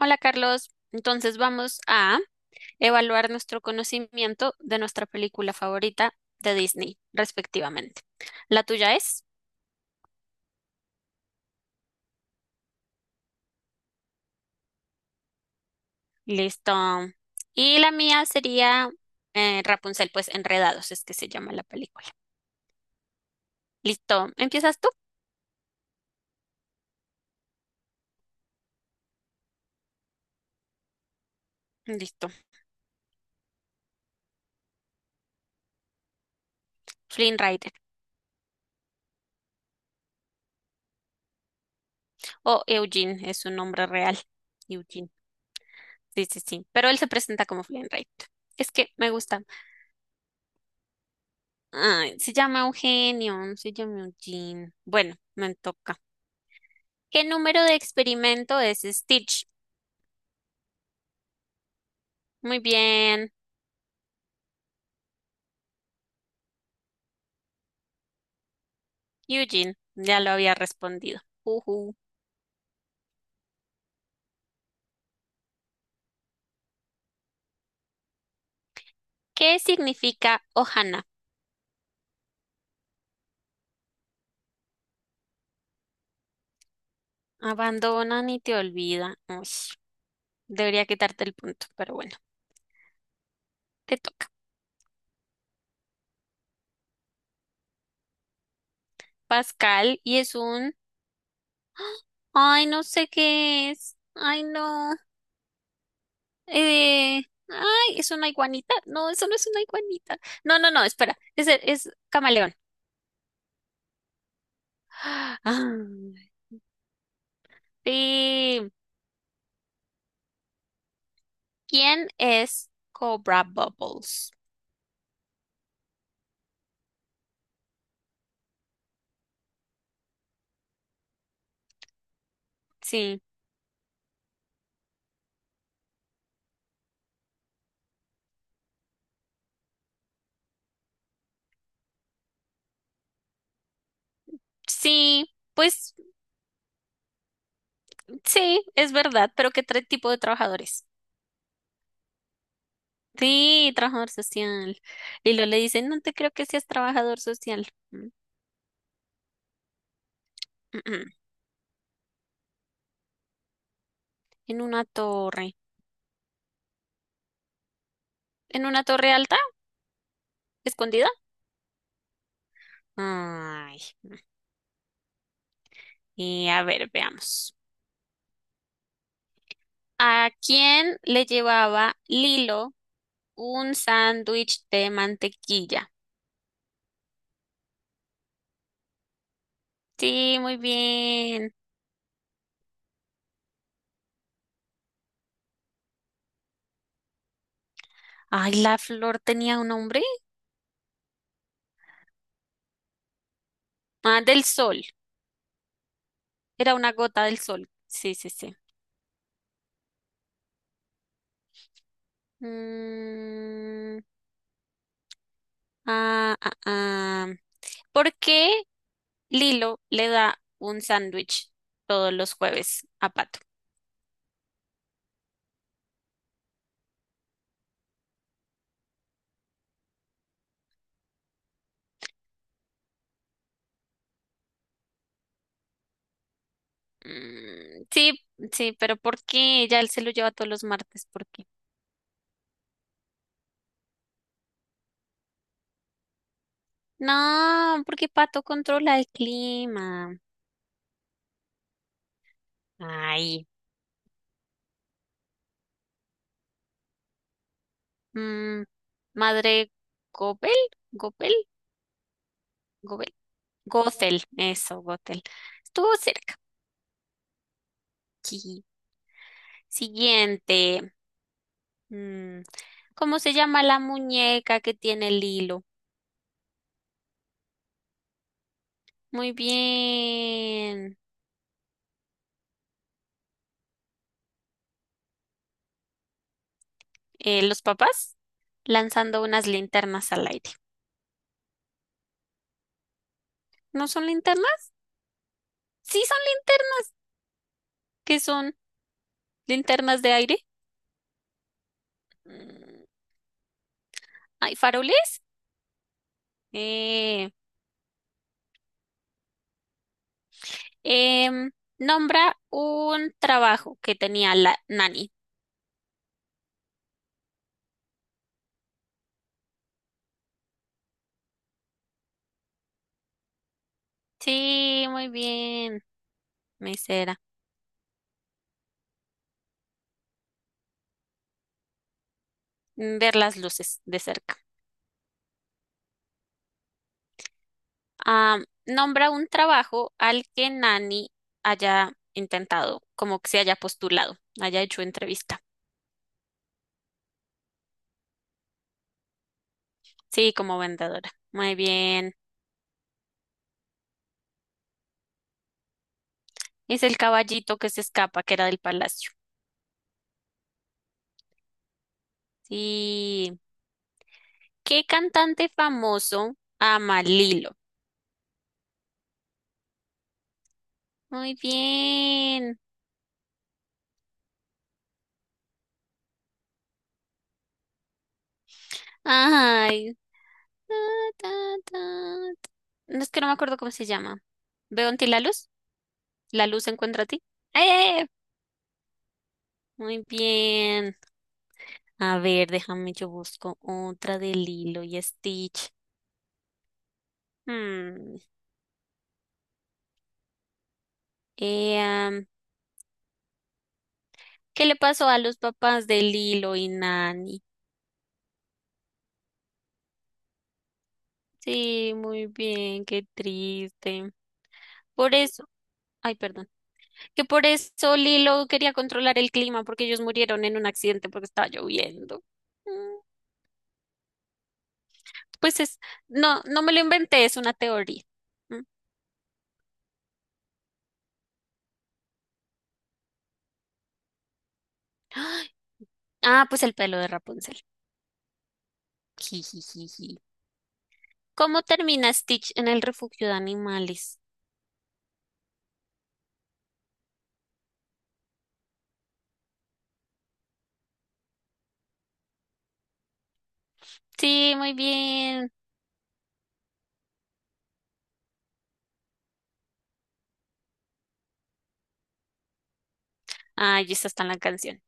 Hola Carlos, entonces vamos a evaluar nuestro conocimiento de nuestra película favorita de Disney, respectivamente. La tuya es, listo. Y la mía sería Rapunzel, pues Enredados es que se llama la película. Listo, ¿empiezas tú? Listo, Flynn Rider o Eugene es su nombre real. Eugene, sí, sí, sí, pero él se presenta como Flynn Rider. Es que me gusta. Ay, se llama Eugenio, se llama Eugene. Bueno, me toca. ¿Qué número de experimento es Stitch? Muy bien, Eugene, ya lo había respondido. Ujú. ¿Qué significa Ohana? Abandonan y te olvidan. Uy, debería quitarte el punto, pero bueno, te toca. Pascal, y es un... Ay, no sé qué es. Ay, no. Eh... Ay, es una iguanita. No, eso no es una iguanita. No, no, no, espera. Es camaleón. Ah, sí. ¿Quién es Cobra Bubbles? Sí, sí, pues sí, es verdad, pero tipo de trabajadores? Sí, trabajador social. Y luego le dicen, no te creo que seas trabajador social. Mm, mm. En una torre. ¿En una torre alta? ¿Escondida? Ay. Mm. Y a ver, veamos. ¿A quién le llevaba Lilo un sándwich de mantequilla? Sí, muy bien. Ay, la flor tenía un nombre. Ah, del sol. Era una gota del sol. Sí, sí, sí. Mm, ah, ah, ah. ¿Por qué Lilo le da un sándwich todos los jueves a Pato? Mm, sí, sí, pero ¿por qué? Ya él se lo lleva todos los martes. ¿Por qué? No, porque Pato controla el clima. Ay. Mm, madre Gobel, Gobel, Gobel, Gothel. Eso, Gothel. Estuvo cerca. Sí. Siguiente. Mm, ¿Cómo se llama la muñeca que tiene el hilo? Muy bien. Los papás lanzando unas linternas al aire. ¿No son linternas? Sí, son linternas. ¿Qué son? ¿Linternas de aire? Mm, ¿Hay faroles? Eh, em, nombra un trabajo que tenía la nani. Sí, muy bien, mesera. Ver las luces de cerca. Ah, nombra un trabajo al que Nani haya intentado, como que se haya postulado, haya hecho entrevista. Sí, como vendedora. Muy bien. Es el caballito que se escapa, que era del palacio. Sí. ¿Qué cantante famoso ama Lilo? Muy bien. Ay. Ta, ta, ta, ta. No es que no me acuerdo cómo se llama. ¿Veo en ti la luz? ¿La luz encuentra a ti? ¡Eh! Muy bien. A ver, déjame, yo busco otra de Lilo y Stitch. Hmm, eh, am, ¿Qué le pasó a los papás de Lilo y Nani? Sí, muy bien, qué triste. Por eso, ay, perdón, que por eso Lilo quería controlar el clima porque ellos murieron en un accidente porque estaba lloviendo. Mm, pues es, no, no me lo inventé, es una teoría. Mm. ¡Ay! Ah, pues el pelo de Rapunzel. Jijijiji. ¿Cómo termina Stitch en el refugio de animales? Sí, muy bien. Ah, y esta está en la canción.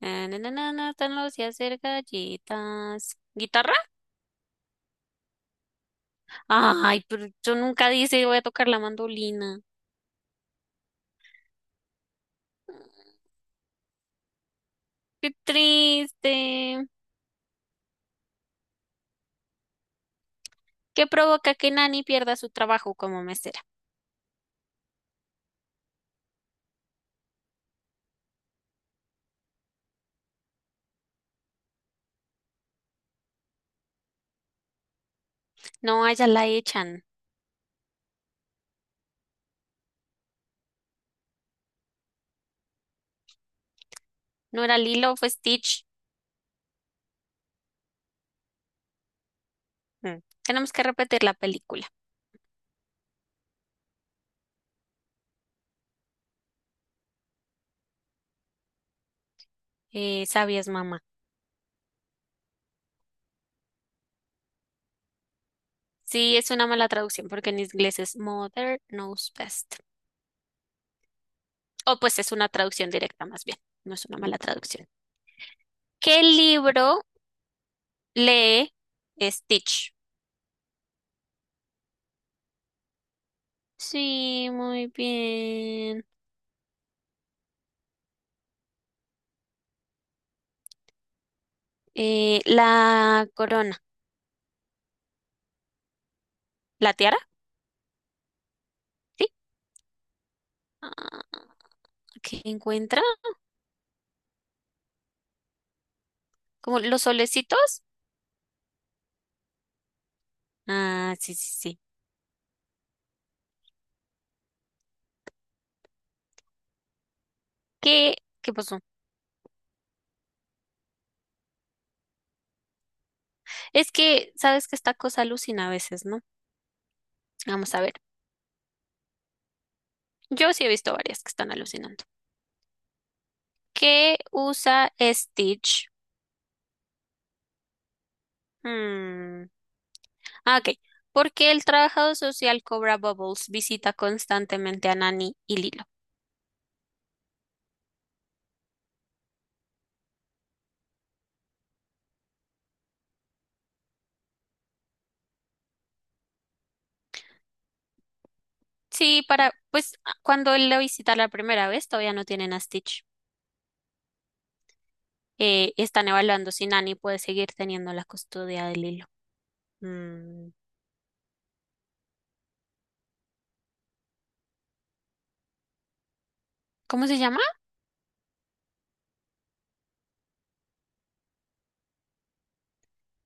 Na, na, na, na, na, están los días de galletas. ¿Guitarra? Ay, pero yo nunca dije voy a tocar la mandolina. Qué triste. ¿Qué provoca que Nani pierda su trabajo como mesera? No, a ella la echan. No era Lilo, fue Stitch. Mm. Tenemos que repetir la película. Sabias, mamá. Sí, es una mala traducción porque en inglés es Mother Knows Best. O pues es una traducción directa más bien. No es una mala traducción. ¿Qué libro lee Stitch? Sí, muy bien. La corona. ¿La tiara? Sí. Ah, ¿qué encuentra? ¿Como los solecitos? Ah, sí, sí, sí. ¿Qué, ¿qué pasó? Es que, sabes que esta cosa alucina a veces, ¿no? Vamos a ver. Yo sí he visto varias que están alucinando. ¿Qué usa Stitch? Hmm. Ah, ok. ¿Por qué el trabajador social Cobra Bubbles visita constantemente a Nani y Lilo? Sí, para, pues a- cuando él lo visita la primera vez, todavía no tienen a Stitch. Están evaluando si Nani puede seguir teniendo la custodia de Lilo. Mm, ¿Cómo se llama?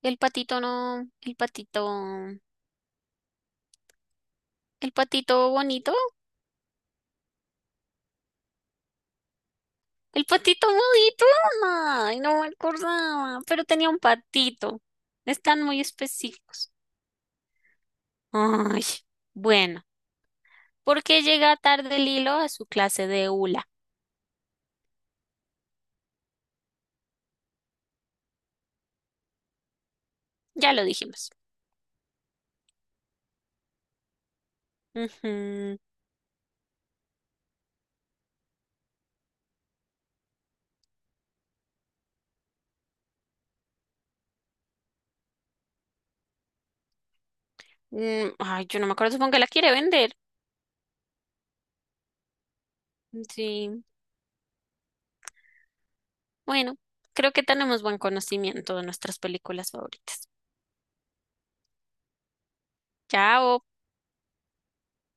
El patito no, el patito bonito, el patito bonito. Ay, no me acordaba, pero tenía un patito. Están muy específicos. Ay, bueno, ¿por qué llega tarde Lilo a su clase de hula? Ya lo dijimos. Ujú. Mm, ay, yo no me acuerdo, supongo que la quiere vender. Sí, bueno, creo que tenemos buen conocimiento de nuestras películas favoritas. Chao.